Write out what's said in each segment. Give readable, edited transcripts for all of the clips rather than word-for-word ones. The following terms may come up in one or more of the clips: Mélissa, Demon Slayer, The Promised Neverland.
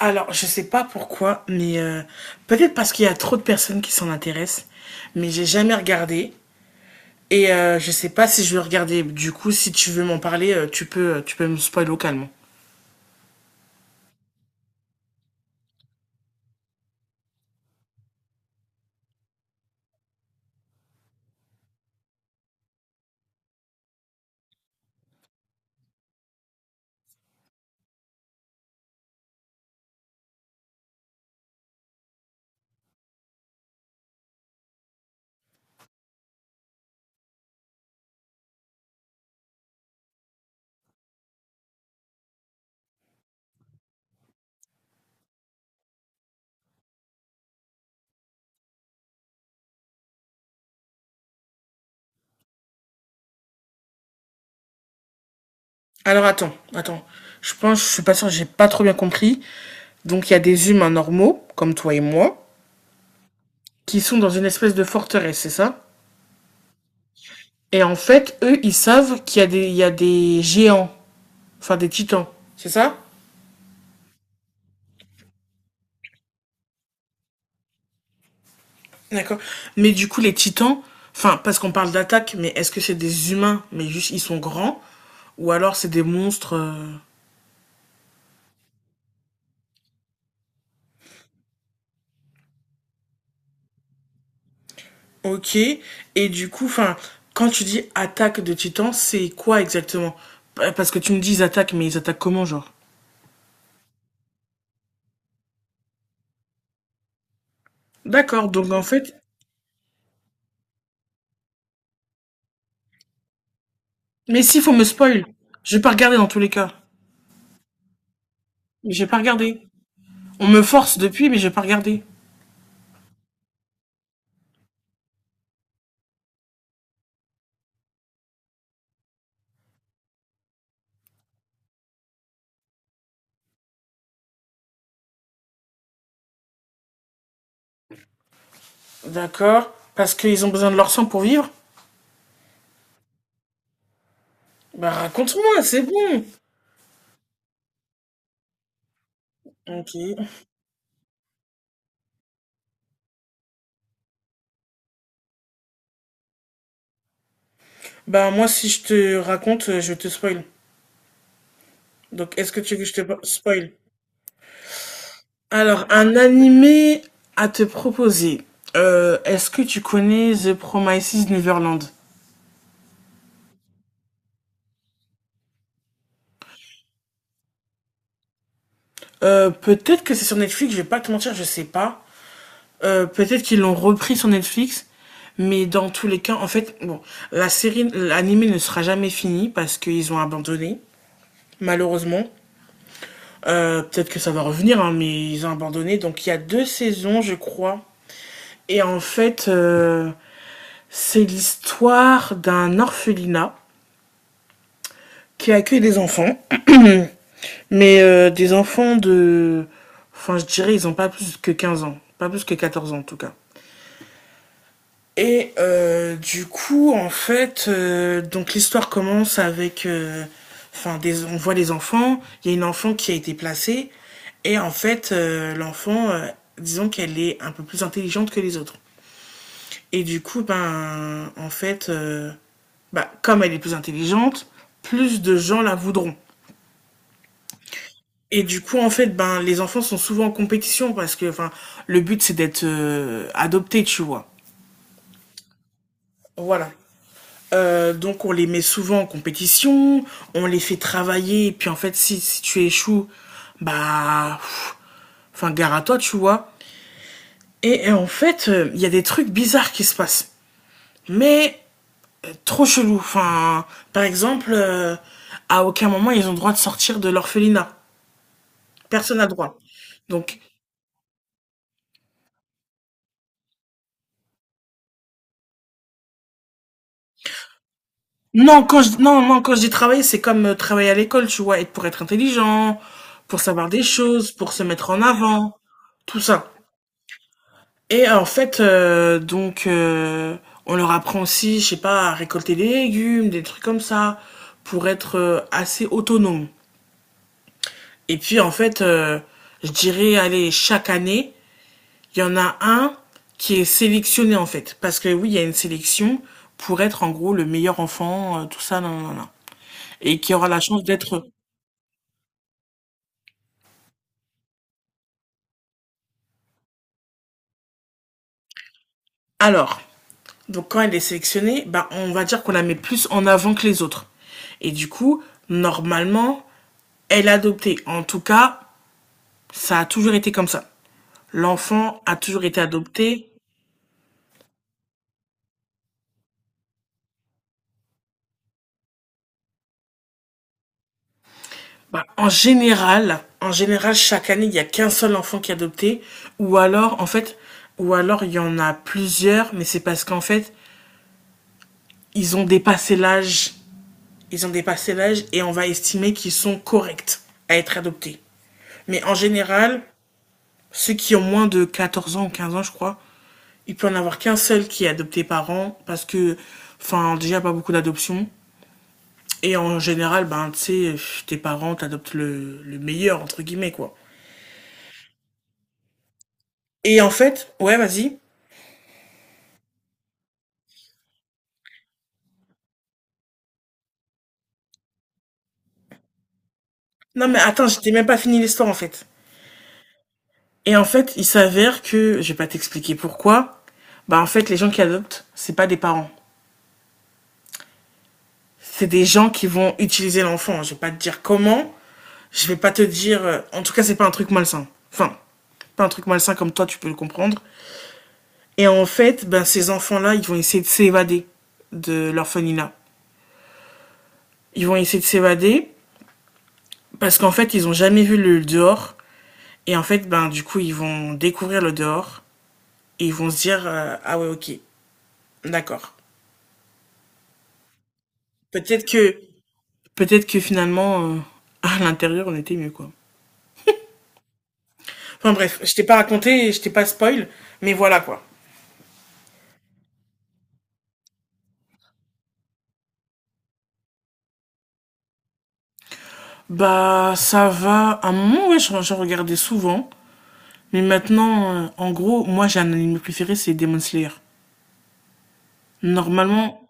Alors, je sais pas pourquoi, mais peut-être parce qu'il y a trop de personnes qui s'en intéressent, mais j'ai jamais regardé. Et je sais pas si je vais regarder. Du coup, si tu veux m'en parler, tu peux me spoiler localement. Alors attends, attends. Je pense, je suis pas sûre, j'ai pas trop bien compris. Donc il y a des humains normaux, comme toi et moi, qui sont dans une espèce de forteresse, c'est ça? Et en fait, eux, ils savent qu'il y a des géants, enfin des titans, c'est ça? D'accord. Mais du coup, les titans, enfin, parce qu'on parle d'attaque, mais est-ce que c'est des humains, mais juste ils sont grands, ou alors c'est des monstres. Ok. Et du coup, enfin, quand tu dis attaque de titans, c'est quoi exactement? Parce que tu me dis ils attaquent, mais ils attaquent comment, genre? D'accord. Donc en fait. Mais si, faut me spoil. Je vais pas regarder dans tous les cas. Mais j'ai pas regardé. On me force depuis, mais j'ai pas regardé. D'accord. Parce qu'ils ont besoin de leur sang pour vivre. Bah raconte-moi, c'est bon. Ok. Bah moi, si je te raconte, je te spoil. Donc est-ce que tu veux que je te spoil? Alors, un animé à te proposer. Est-ce que tu connais The Promises Neverland? Peut-être que c'est sur Netflix, je vais pas te mentir, je sais pas. Peut-être qu'ils l'ont repris sur Netflix, mais dans tous les cas, en fait, bon, la série, l'animé ne sera jamais fini parce qu'ils ont abandonné, malheureusement. Peut-être que ça va revenir, hein, mais ils ont abandonné. Donc il y a deux saisons, je crois. Et en fait, euh, C'est l'histoire d'un orphelinat qui accueille des enfants, mais des enfants de... Enfin, je dirais, ils ont pas plus que 15 ans. Pas plus que 14 ans, en tout cas. Et du coup, en fait, donc l'histoire commence avec. Enfin, on voit les enfants. Il y a une enfant qui a été placée. Et en fait, l'enfant, disons qu'elle est un peu plus intelligente que les autres. Et du coup, ben, en fait, bah, comme elle est plus intelligente, plus de gens la voudront. Et du coup, en fait, ben, les enfants sont souvent en compétition parce que, enfin, le but c'est d'être adopté, tu vois. Voilà. Donc on les met souvent en compétition, on les fait travailler, et puis en fait, si tu échoues, bah, pff, enfin, gare à toi, tu vois. Et en fait, il y a des trucs bizarres qui se passent. Mais trop chelou. Enfin, par exemple, à aucun moment ils ont le droit de sortir de l'orphelinat. Personne n'a le droit. Donc, non, non, non, quand je dis travailler, c'est comme travailler à l'école, tu vois, être, pour être intelligent, pour savoir des choses, pour se mettre en avant, tout ça. Et en fait, donc, on leur apprend aussi, je sais pas, à récolter des légumes, des trucs comme ça, pour être assez autonome. Et puis, en fait, je dirais, allez, chaque année, il y en a un qui est sélectionné en fait, parce que oui, il y a une sélection pour être en gros le meilleur enfant, tout ça, non, non, non. Et qui aura la chance d'être... Alors, donc quand elle est sélectionnée, bah, on va dire qu'on la met plus en avant que les autres. Et du coup, normalement, elle est adoptée. En tout cas, ça a toujours été comme ça. L'enfant a toujours été adopté. Bah, en général, chaque année, il n'y a qu'un seul enfant qui est adopté, ou alors, en fait, ou alors il y en a plusieurs, mais c'est parce qu'en fait, ils ont dépassé l'âge, ils ont dépassé l'âge et on va estimer qu'ils sont corrects à être adoptés. Mais en général, ceux qui ont moins de 14 ans ou 15 ans, je crois, il peut en avoir qu'un seul qui est adopté par an, parce que, enfin, déjà, pas beaucoup d'adoptions. Et en général, ben, tu sais, tes parents t'adoptent le meilleur, entre guillemets, quoi. Et en fait, ouais, vas-y. Non, mais attends, j'étais même pas fini l'histoire, en fait. Et en fait, il s'avère que, je vais pas t'expliquer pourquoi, bah, en fait, les gens qui adoptent, c'est pas des parents. C'est des gens qui vont utiliser l'enfant. Je vais pas te dire comment, je vais pas te dire, en tout cas, c'est pas un truc malsain. Enfin, pas un truc malsain comme toi, tu peux le comprendre. Et en fait, ben, ces enfants-là, ils vont essayer de s'évader de l'orphelinat. Ils vont essayer de s'évader parce qu'en fait, ils ont jamais vu le dehors. Et en fait, ben, du coup, ils vont découvrir le dehors. Et ils vont se dire, ah ouais, ok, d'accord. Peut-être que peut-être que finalement à l'intérieur on était mieux, quoi. Enfin bref, je t'ai pas raconté, je t'ai pas spoil, mais voilà, quoi. Bah, ça va, à un moment, ouais, je regardais souvent, mais maintenant en gros, moi j'ai un anime préféré, c'est Demon Slayer. Normalement.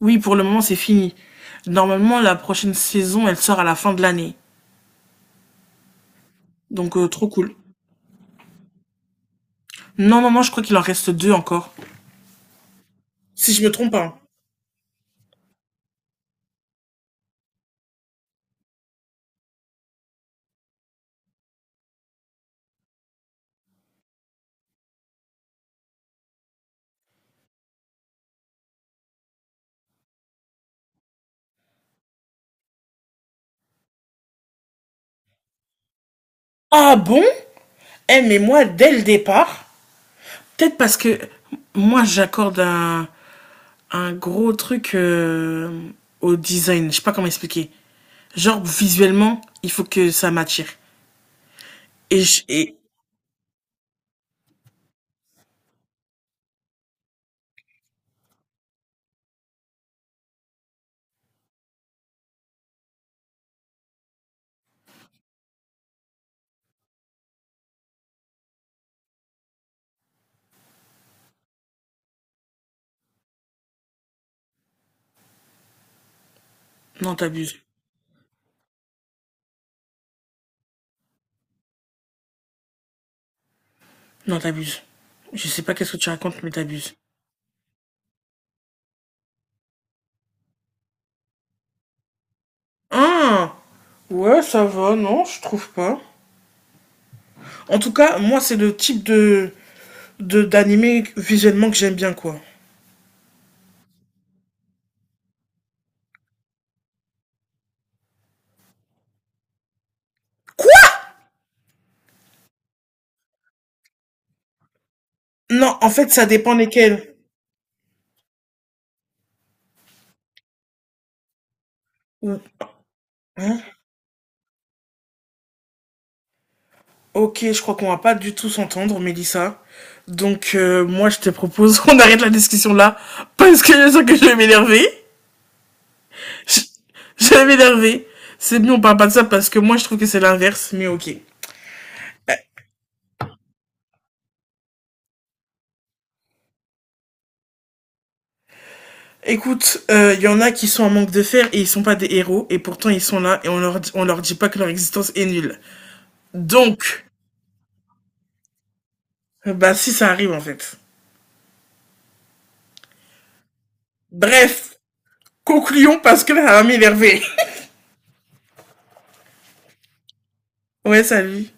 Oui, pour le moment c'est fini. Normalement la prochaine saison elle sort à la fin de l'année. Donc trop cool. Non, non, non, je crois qu'il en reste deux encore, si je me trompe pas. Ah bon? Eh mais moi, dès le départ, peut-être parce que moi, j'accorde un gros truc au design. Je sais pas comment expliquer. Genre, visuellement, il faut que ça m'attire. Et. Non, t'abuses. Non, t'abuses. Je sais pas qu'est-ce que tu racontes, mais t'abuses. Ah. Ouais, ça va, non, je trouve pas. En tout cas, moi, c'est le type de d'animé visuellement que j'aime bien, quoi. Quoi? Non, en fait, ça dépend lesquels. Ou- hein? Ok, je crois qu'on va pas du tout s'entendre, Mélissa. Donc, moi, je te propose qu'on arrête la discussion là, parce que je sens que je vais m'énerver. Je, je vais m'énerver. C'est mieux, on parle pas de ça, parce que moi, je trouve que c'est l'inverse, mais ok. Écoute, il y en a qui sont en manque de fer et ils sont pas des héros, et pourtant ils sont là, et on leur dit pas que leur existence est nulle. Donc, bah si ça arrive en fait. Bref, concluons, parce que là, ça va m'énerver. Ouais, salut.